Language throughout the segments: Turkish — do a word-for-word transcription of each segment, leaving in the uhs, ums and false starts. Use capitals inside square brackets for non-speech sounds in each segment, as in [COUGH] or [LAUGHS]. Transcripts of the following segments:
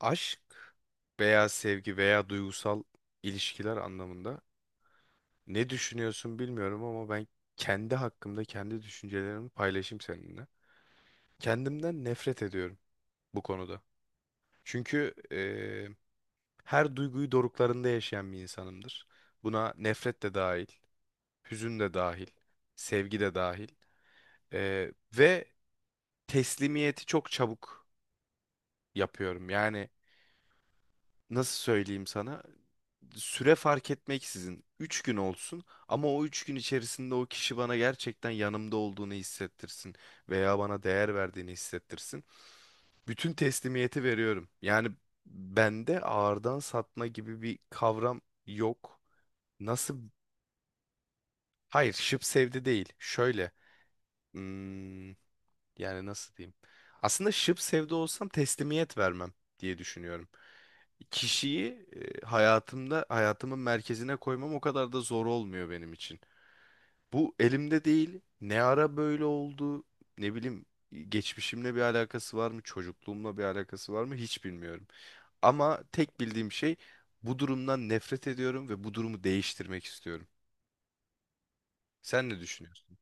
Aşk veya sevgi veya duygusal ilişkiler anlamında ne düşünüyorsun bilmiyorum ama ben kendi hakkımda kendi düşüncelerimi paylaşayım seninle. Kendimden nefret ediyorum bu konuda. Çünkü eee, her duyguyu doruklarında yaşayan bir insanımdır. Buna nefret de dahil, hüzün de dahil, sevgi de dahil. Eee, ve teslimiyeti çok çabuk yapıyorum. Yani nasıl söyleyeyim sana? Süre fark etmeksizin üç gün olsun ama o üç gün içerisinde o kişi bana gerçekten yanımda olduğunu hissettirsin veya bana değer verdiğini hissettirsin. Bütün teslimiyeti veriyorum. Yani bende ağırdan satma gibi bir kavram yok. Nasıl? Hayır, şıp sevdi değil. Şöyle. hmm, Yani nasıl diyeyim? Aslında şıp sevde olsam teslimiyet vermem diye düşünüyorum. Kişiyi e, hayatımda hayatımın merkezine koymam o kadar da zor olmuyor benim için. Bu elimde değil. Ne ara böyle oldu? Ne bileyim, geçmişimle bir alakası var mı? Çocukluğumla bir alakası var mı? Hiç bilmiyorum. Ama tek bildiğim şey, bu durumdan nefret ediyorum ve bu durumu değiştirmek istiyorum. Sen ne düşünüyorsun?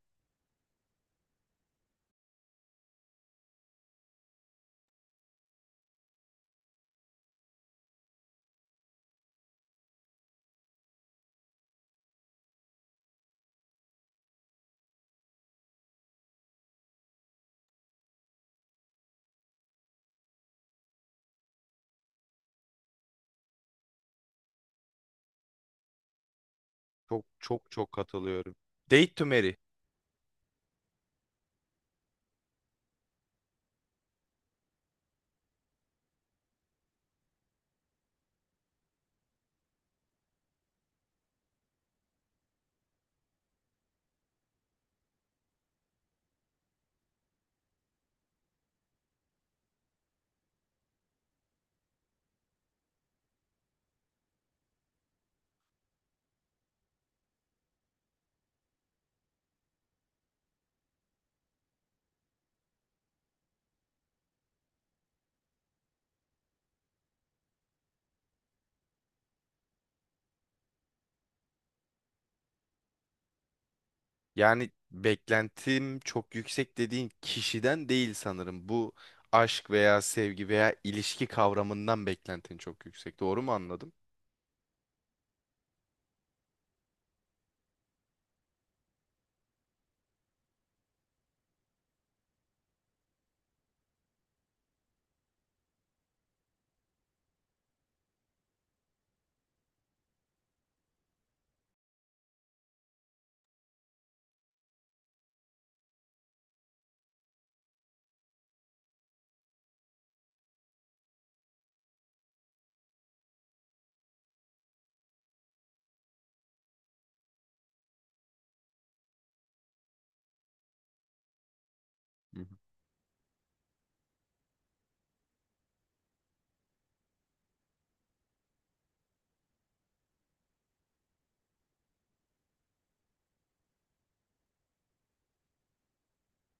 Çok çok çok katılıyorum. Date to marry. Yani beklentim çok yüksek dediğin kişiden değil sanırım. Bu aşk veya sevgi veya ilişki kavramından beklentin çok yüksek. Doğru mu anladım? Hı hı.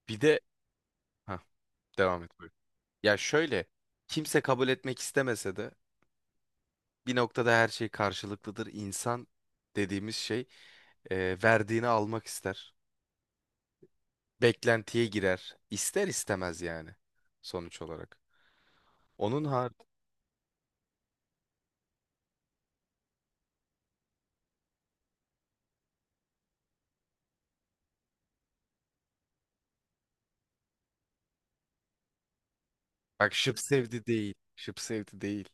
Bir de ha, devam et, buyur. Ya şöyle, kimse kabul etmek istemese de bir noktada her şey karşılıklıdır. İnsan dediğimiz şey, e, verdiğini almak ister. Beklentiye girer. İster istemez yani sonuç olarak. Onun har Bak, şıp sevdi değil. Şıp sevdi değil.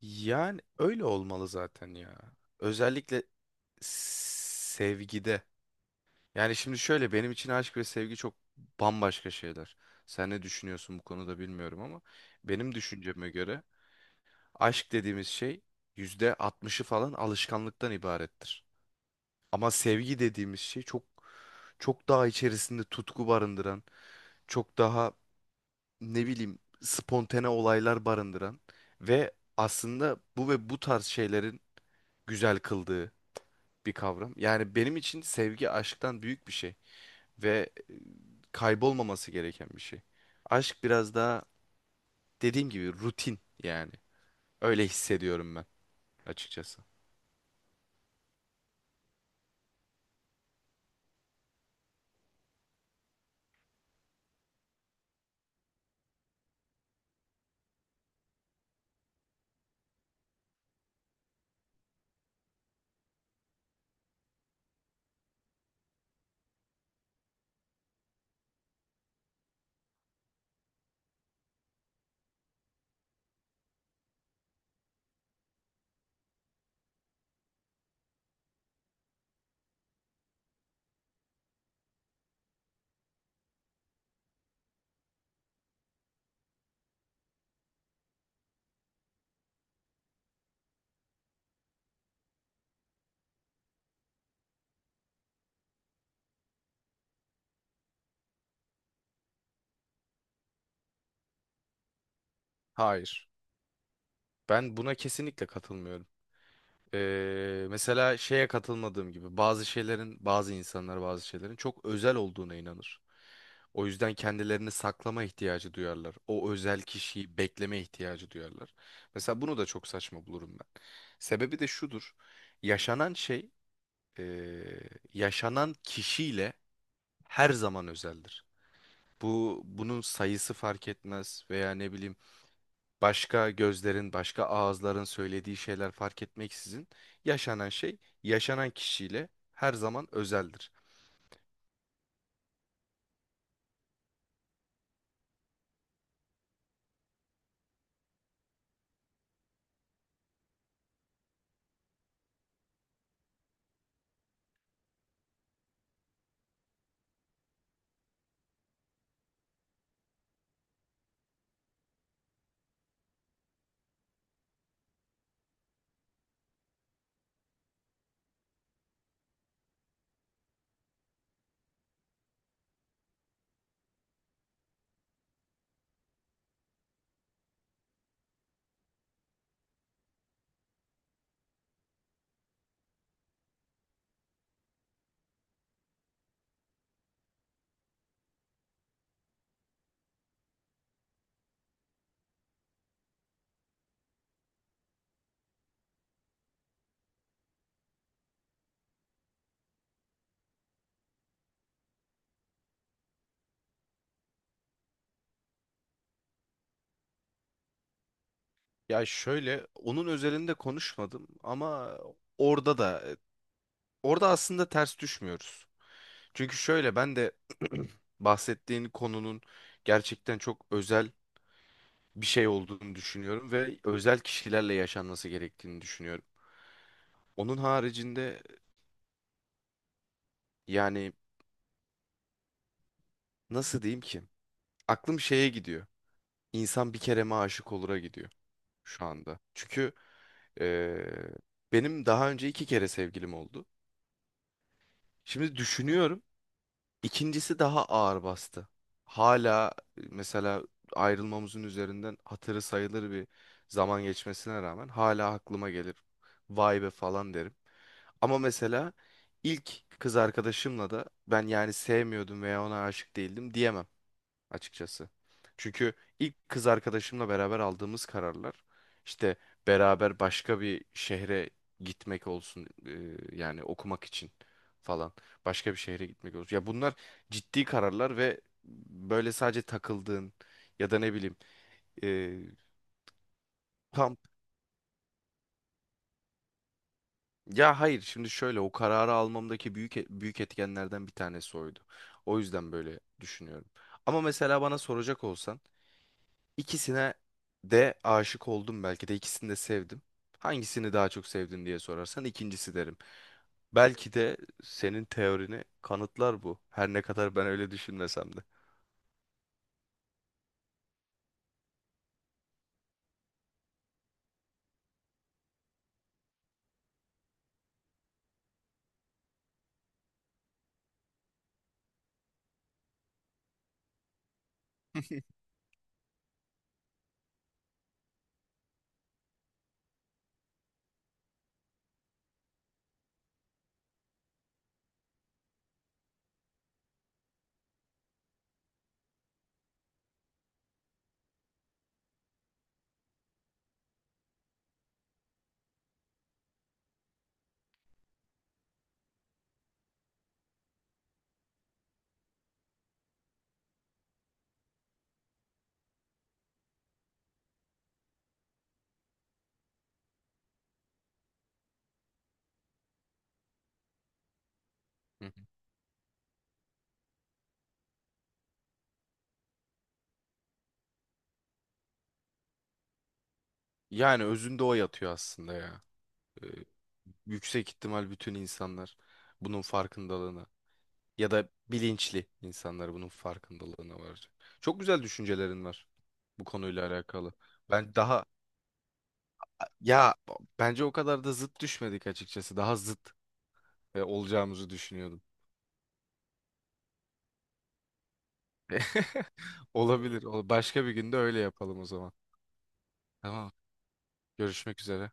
Yani öyle olmalı zaten ya. Özellikle sevgide. Yani şimdi şöyle, benim için aşk ve sevgi çok bambaşka şeyler. Sen ne düşünüyorsun bu konuda bilmiyorum ama benim düşünceme göre aşk dediğimiz şey yüzde altmışı falan alışkanlıktan ibarettir. Ama sevgi dediğimiz şey çok çok daha içerisinde tutku barındıran, çok daha ne bileyim spontane olaylar barındıran ve aslında bu ve bu tarz şeylerin güzel kıldığı bir kavram. Yani benim için sevgi aşktan büyük bir şey ve kaybolmaması gereken bir şey. Aşk biraz daha dediğim gibi rutin yani. Öyle hissediyorum ben, açıkçası. Hayır. Ben buna kesinlikle katılmıyorum. Ee, mesela şeye katılmadığım gibi, bazı şeylerin, bazı insanlar bazı şeylerin çok özel olduğuna inanır. O yüzden kendilerini saklama ihtiyacı duyarlar. O özel kişiyi bekleme ihtiyacı duyarlar. Mesela bunu da çok saçma bulurum ben. Sebebi de şudur. Yaşanan şey, ee, yaşanan kişiyle her zaman özeldir. Bu, bunun sayısı fark etmez veya ne bileyim, başka gözlerin, başka ağızların söylediği şeyler fark etmeksizin yaşanan şey yaşanan kişiyle her zaman özeldir. Ya şöyle, onun özelinde konuşmadım ama orada da orada aslında ters düşmüyoruz. Çünkü şöyle, ben de [CLEARS THROAT] bahsettiğin konunun gerçekten çok özel bir şey olduğunu düşünüyorum ve özel kişilerle yaşanması gerektiğini düşünüyorum. Onun haricinde yani nasıl diyeyim ki, aklım şeye gidiyor. İnsan bir kere mi aşık olura gidiyor şu anda. Çünkü eee, benim daha önce iki kere sevgilim oldu. Şimdi düşünüyorum. İkincisi daha ağır bastı. Hala e, mesela ayrılmamızın üzerinden hatırı sayılır bir zaman geçmesine rağmen hala aklıma gelir. Vay be falan derim. Ama mesela ilk kız arkadaşımla da ben yani sevmiyordum veya ona aşık değildim diyemem, açıkçası. Çünkü ilk kız arkadaşımla beraber aldığımız kararlar, işte beraber başka bir şehre gitmek olsun, e, yani okumak için falan başka bir şehre gitmek olsun. Ya bunlar ciddi kararlar ve böyle sadece takıldığın ya da ne bileyim, e, tam ya hayır, şimdi şöyle, o kararı almamdaki büyük e- büyük etkenlerden bir tanesi oydu. O yüzden böyle düşünüyorum. Ama mesela bana soracak olsan, İkisine de aşık oldum, belki de ikisini de sevdim. Hangisini daha çok sevdin diye sorarsan ikincisi derim. Belki de senin teorini kanıtlar bu. Her ne kadar ben öyle düşünmesem de. Hı hı. Yani özünde o yatıyor aslında ya. Ee, Yüksek ihtimal bütün insanlar bunun farkındalığına ya da bilinçli insanlar bunun farkındalığına varacak. Çok güzel düşüncelerin var bu konuyla alakalı. Ben daha ya Bence o kadar da zıt düşmedik açıkçası. Daha zıt e, olacağımızı düşünüyordum. [LAUGHS] Olabilir. Ol- Başka bir günde öyle yapalım o zaman. Tamam. Görüşmek üzere.